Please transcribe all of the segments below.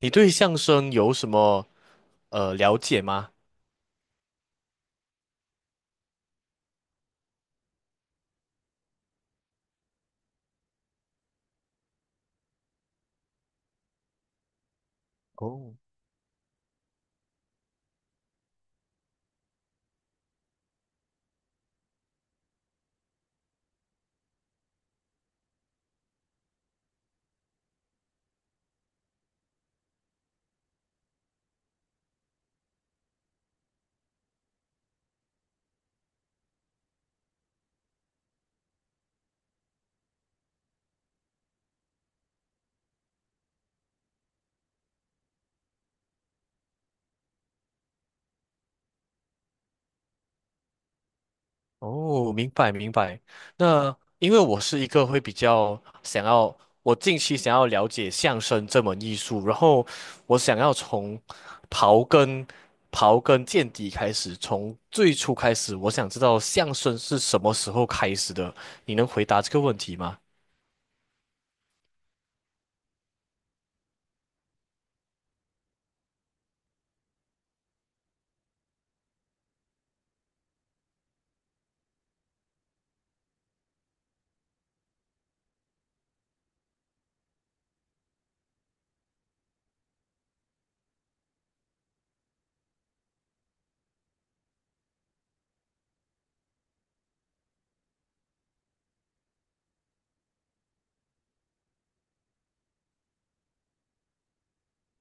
你对相声有什么了解吗？哦，明白明白。那因为我是一个会比较想要，我近期想要了解相声这门艺术，然后我想要从刨根刨根见底开始，从最初开始，我想知道相声是什么时候开始的。你能回答这个问题吗？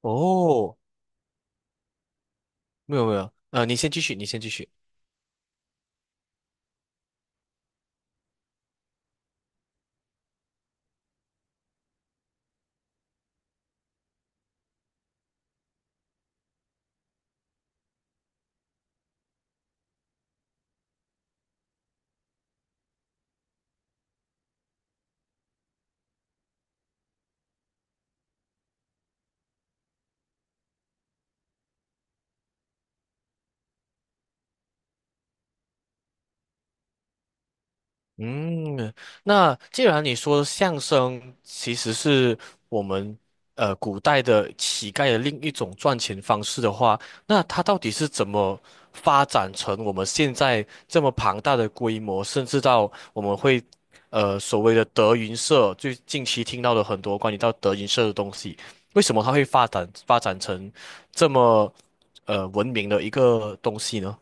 哦，没有没有，你先继续，你先继续。嗯，那既然你说相声其实是我们古代的乞丐的另一种赚钱方式的话，那它到底是怎么发展成我们现在这么庞大的规模，甚至到我们会所谓的德云社，最近期听到的很多关于到德云社的东西，为什么它会发展成这么文明的一个东西呢？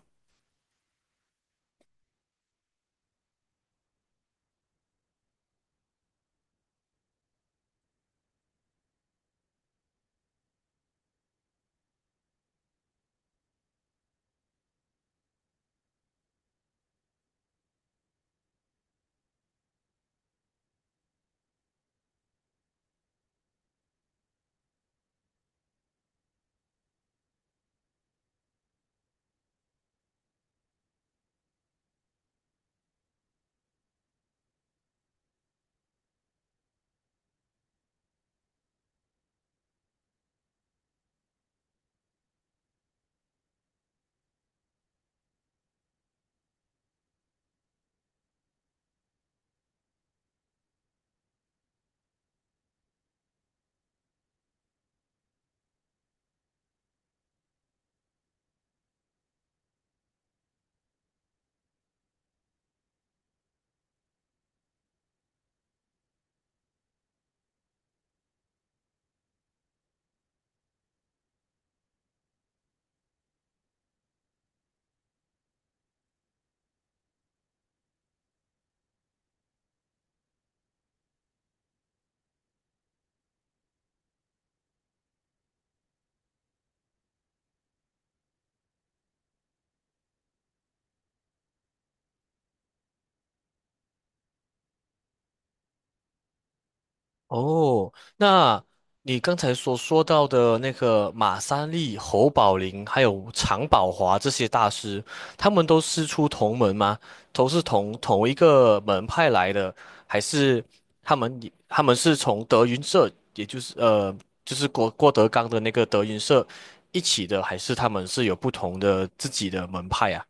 哦，那你刚才所说到的那个马三立、侯宝林，还有常宝华这些大师，他们都师出同门吗？都是同一个门派来的，还是他们是从德云社，也就是就是郭德纲的那个德云社一起的，还是他们是有不同的自己的门派啊？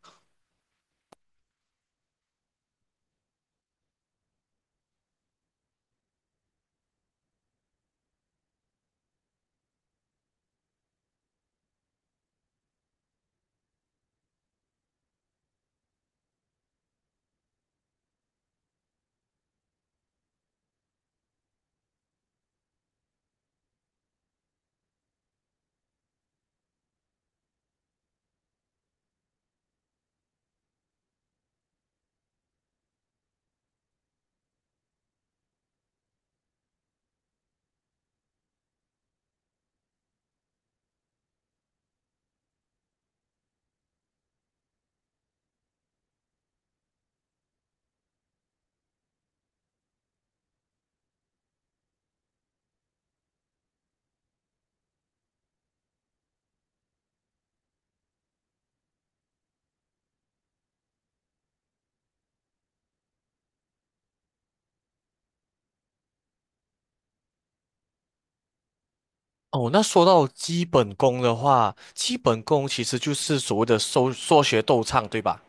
哦，那说到基本功的话，基本功其实就是所谓的说学逗唱，对吧？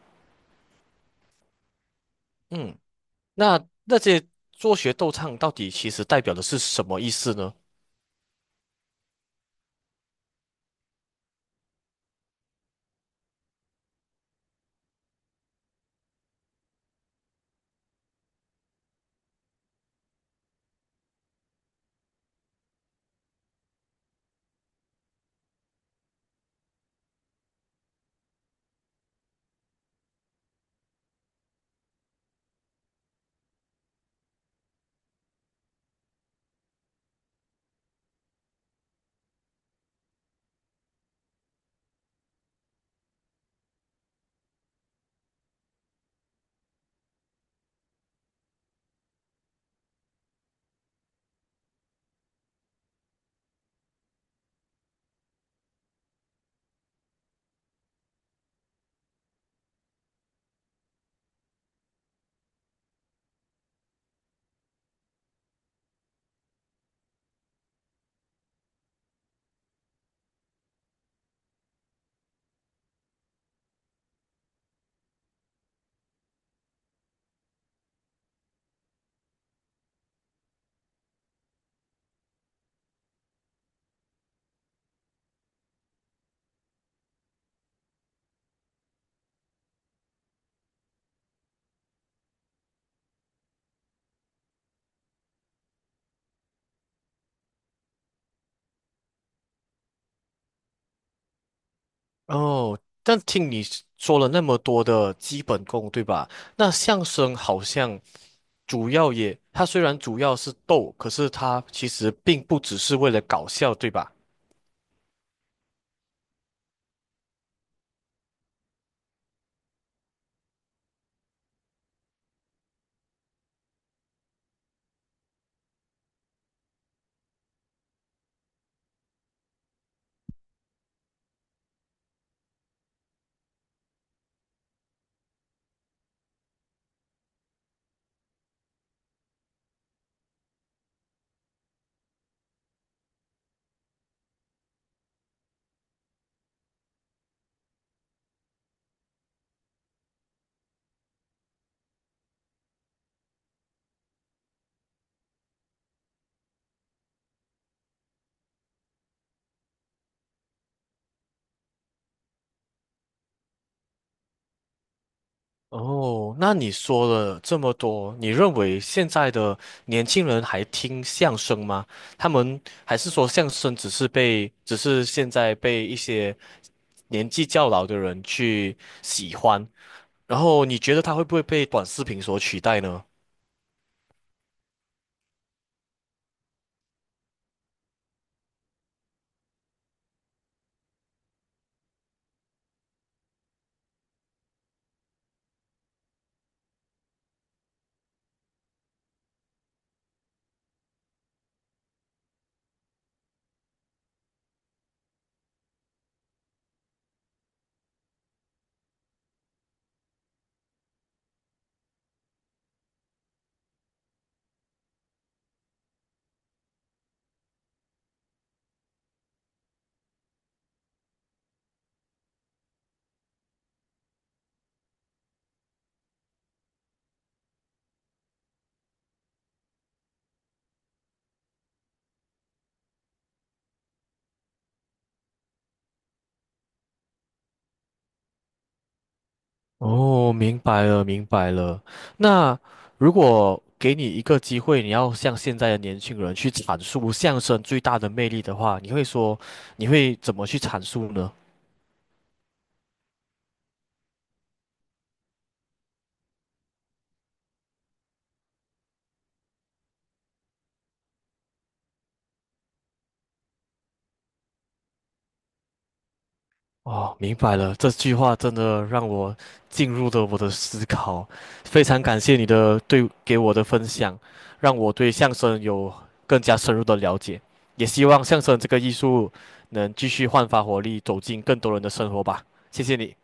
嗯。那那些学逗唱到底其实代表的是什么意思呢？哦，但听你说了那么多的基本功，对吧？那相声好像主要也，它虽然主要是逗，可是它其实并不只是为了搞笑，对吧？哦，那你说了这么多，你认为现在的年轻人还听相声吗？他们还是说相声只是被，只是现在被一些年纪较老的人去喜欢，然后你觉得它会不会被短视频所取代呢？哦，明白了，明白了。那如果给你一个机会，你要向现在的年轻人去阐述相声最大的魅力的话，你会说，你会怎么去阐述呢？哦，明白了，这句话真的让我进入了我的思考，非常感谢你的对给我的分享，让我对相声有更加深入的了解，也希望相声这个艺术能继续焕发活力，走进更多人的生活吧。谢谢你。